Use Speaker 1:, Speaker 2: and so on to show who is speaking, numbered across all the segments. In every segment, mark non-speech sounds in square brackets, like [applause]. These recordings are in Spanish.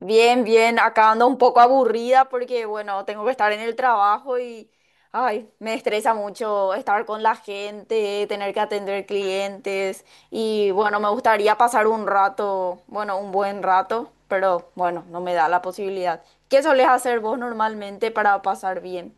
Speaker 1: Bien, bien, acá ando un poco aburrida porque, bueno, tengo que estar en el trabajo y, ay, me estresa mucho estar con la gente, tener que atender clientes y, bueno, me gustaría pasar un rato, bueno, un buen rato, pero, bueno, no me da la posibilidad. ¿Qué solés hacer vos normalmente para pasar bien?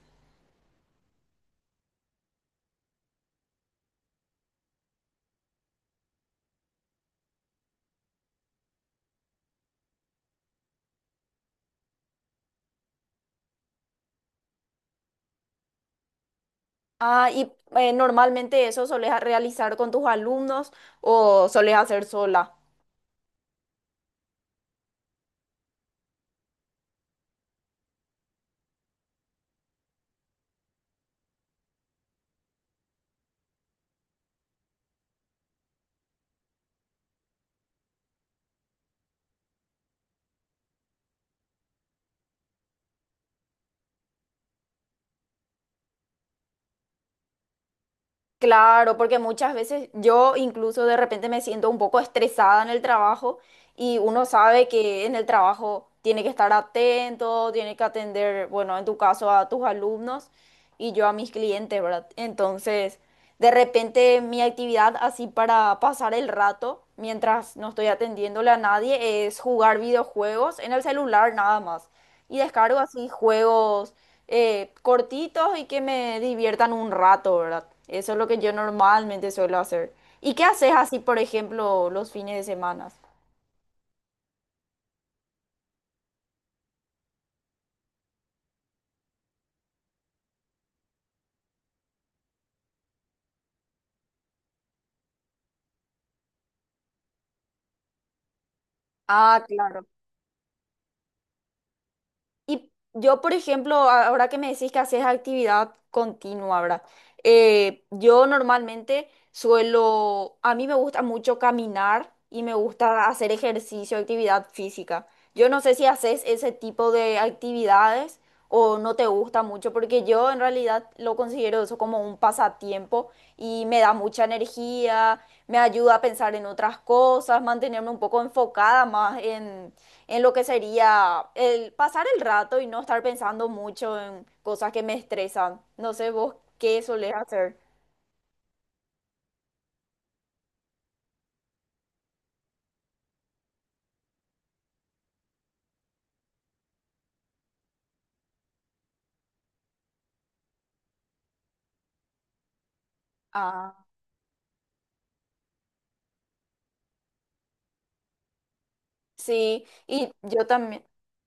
Speaker 1: Ah, y normalmente eso solés realizar con tus alumnos o solés hacer sola. Claro, porque muchas veces yo incluso de repente me siento un poco estresada en el trabajo y uno sabe que en el trabajo tiene que estar atento, tiene que atender, bueno, en tu caso a tus alumnos y yo a mis clientes, ¿verdad? Entonces, de repente mi actividad así para pasar el rato, mientras no estoy atendiéndole a nadie, es jugar videojuegos en el celular nada más. Y descargo así juegos cortitos y que me diviertan un rato, ¿verdad? Eso es lo que yo normalmente suelo hacer. ¿Y qué haces así, por ejemplo, los fines de semana? Ah, claro. Y yo, por ejemplo, ahora que me decís que haces actividad continua, ¿verdad? Yo normalmente suelo, a mí me gusta mucho caminar y me gusta hacer ejercicio, actividad física. Yo no sé si haces ese tipo de actividades o no te gusta mucho, porque yo en realidad lo considero eso como un pasatiempo y me da mucha energía, me ayuda a pensar en otras cosas, mantenerme un poco enfocada más en lo que sería el pasar el rato y no estar pensando mucho en cosas que me estresan. No sé, vos que eso le hace a, sí, y yo también,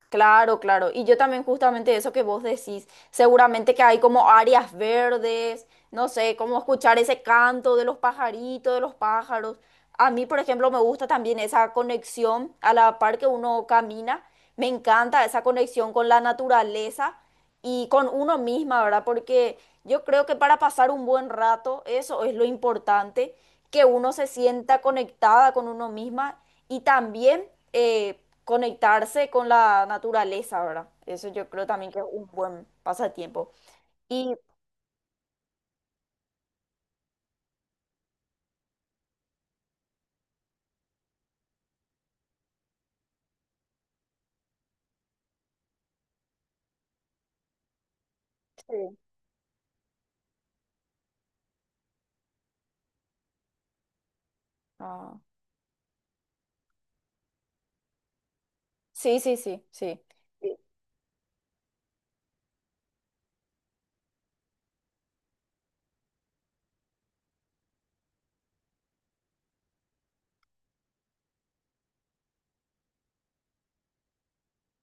Speaker 1: claro, claro, y yo también justamente eso que vos decís, seguramente que hay como áreas verdes, no sé, como escuchar ese canto de los pajaritos, de los pájaros. A mí, por ejemplo, me gusta también esa conexión a la par que uno camina, me encanta esa conexión con la naturaleza y con uno misma, ¿verdad? Porque yo creo que para pasar un buen rato, eso es lo importante, que uno se sienta conectada con uno misma y también conectarse con la naturaleza, ¿verdad? Eso yo creo también que es un buen pasatiempo. Y sí, ah, sí, sí, sí, sí. Sí,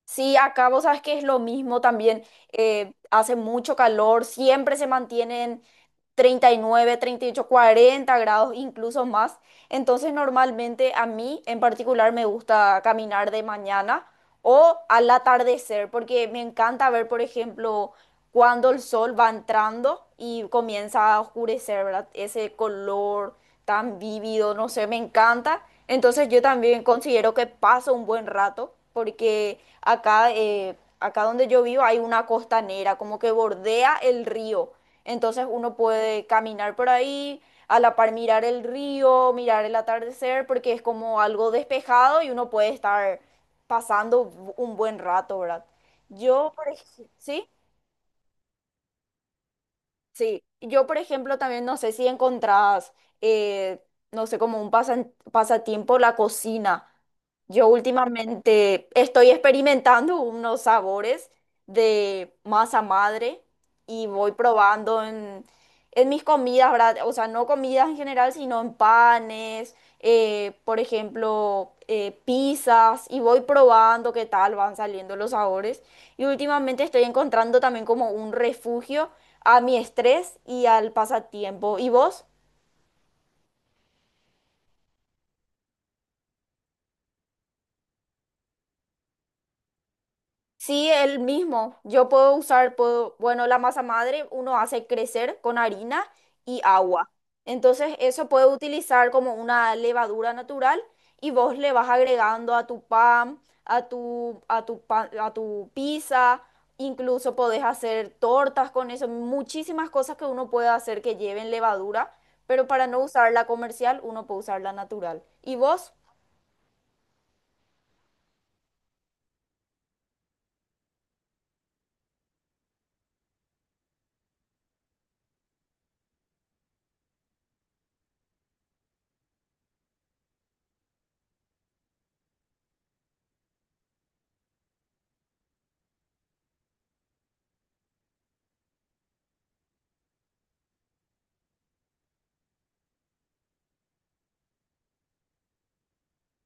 Speaker 1: sí, acá vos sabes que es lo mismo también. Eh, hace mucho calor, siempre se mantienen 30, 39, 38, 40 grados, incluso más. Entonces normalmente a mí en particular me gusta caminar de mañana o al atardecer porque me encanta ver, por ejemplo, cuando el sol va entrando y comienza a oscurecer, ¿verdad? Ese color tan vívido, no sé, me encanta. Entonces yo también considero que paso un buen rato porque acá, acá donde yo vivo hay una costanera, como que bordea el río. Entonces uno puede caminar por ahí, a la par mirar el río, mirar el atardecer, porque es como algo despejado y uno puede estar pasando un buen rato, ¿verdad? Yo, por ejemplo, ¿sí? Sí, yo por ejemplo también no sé si encontrás, eh, no sé, como un pasatiempo la cocina. Yo últimamente estoy experimentando unos sabores de masa madre y voy probando en mis comidas, ¿verdad? O sea, no comidas en general, sino en panes, por ejemplo, pizzas, y voy probando qué tal van saliendo los sabores. Y últimamente estoy encontrando también como un refugio a mi estrés y al pasatiempo. ¿Y vos? Sí, el mismo. Yo puedo usar, puedo, bueno, la masa madre uno hace crecer con harina y agua. Entonces eso puedo utilizar como una levadura natural y vos le vas agregando a tu pan, a tu pan, a tu pizza. Incluso podés hacer tortas con eso. Muchísimas cosas que uno puede hacer que lleven levadura, pero para no usar la comercial, uno puede usar la natural. ¿Y vos?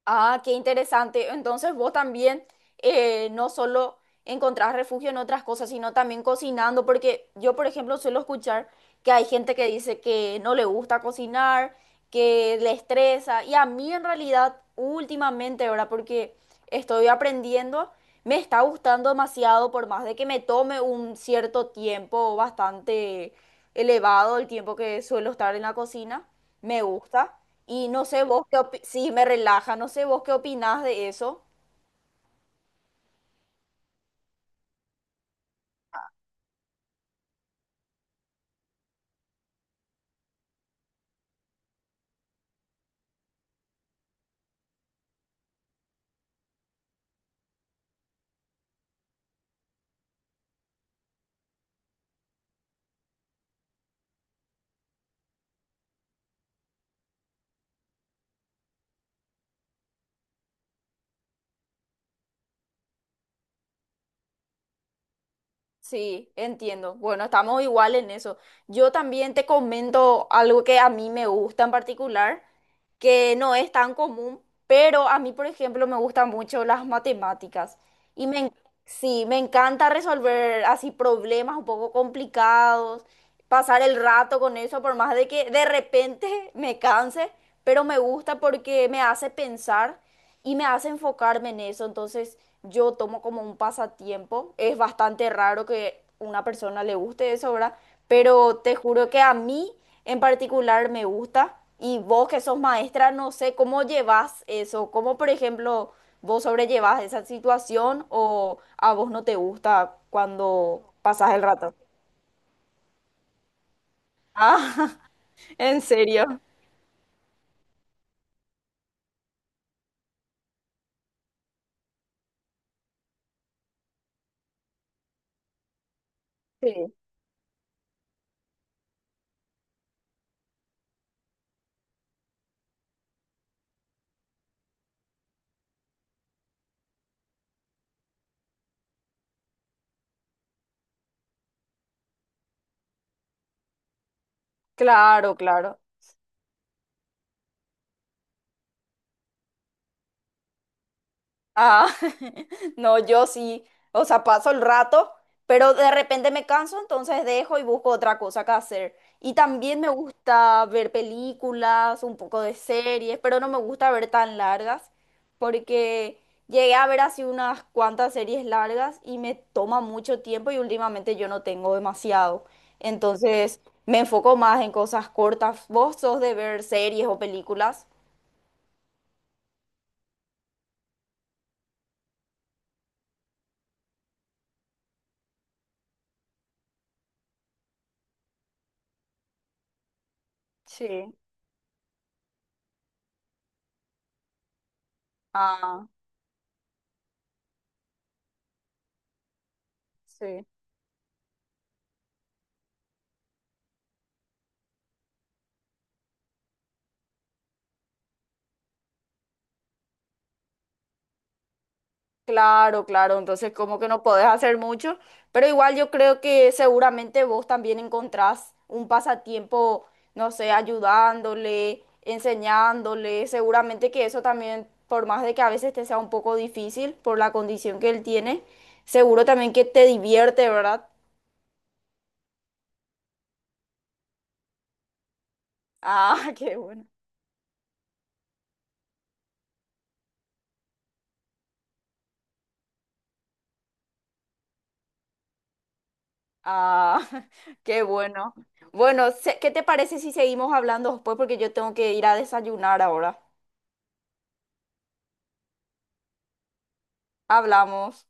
Speaker 1: Ah, qué interesante. Entonces vos también no solo encontrás refugio en otras cosas, sino también cocinando, porque yo, por ejemplo, suelo escuchar que hay gente que dice que no le gusta cocinar, que le estresa, y a mí en realidad últimamente, ahora porque estoy aprendiendo, me está gustando demasiado, por más de que me tome un cierto tiempo bastante elevado el tiempo que suelo estar en la cocina me gusta. Y no sé vos qué opi- sí, me relaja, no sé vos qué opinás de eso. Sí, entiendo. Bueno, estamos igual en eso. Yo también te comento algo que a mí me gusta en particular, que no es tan común, pero a mí, por ejemplo, me gustan mucho las matemáticas. Y sí, me encanta resolver así problemas un poco complicados, pasar el rato con eso, por más de que de repente [laughs] me canse, pero me gusta porque me hace pensar y me hace enfocarme en eso, entonces yo tomo como un pasatiempo. Es bastante raro que una persona le guste eso, ¿verdad? Pero te juro que a mí en particular me gusta y vos que sos maestra, no sé cómo llevas eso, cómo por ejemplo vos sobrellevas esa situación o a vos no te gusta cuando pasas el rato. Ah, [laughs] ¿en serio? Sí. Claro, claro. Ah, [laughs] no, yo sí, o sea, paso el rato, pero de repente me canso, entonces dejo y busco otra cosa que hacer. Y también me gusta ver películas, un poco de series, pero no me gusta ver tan largas, porque llegué a ver así unas cuantas series largas y me toma mucho tiempo y últimamente yo no tengo demasiado. Entonces me enfoco más en cosas cortas. ¿Vos sos de ver series o películas? Sí. Ah, sí. Claro, claro, entonces como que no podés hacer mucho, pero igual yo creo que seguramente vos también encontrás un pasatiempo, no sé, ayudándole, enseñándole, seguramente que eso también, por más de que a veces te sea un poco difícil por la condición que él tiene, seguro también que te divierte, ¿verdad? Ah, [laughs] qué bueno. Ah, [laughs] qué bueno. Bueno, ¿qué te parece si seguimos hablando después? Porque yo tengo que ir a desayunar ahora. Hablamos.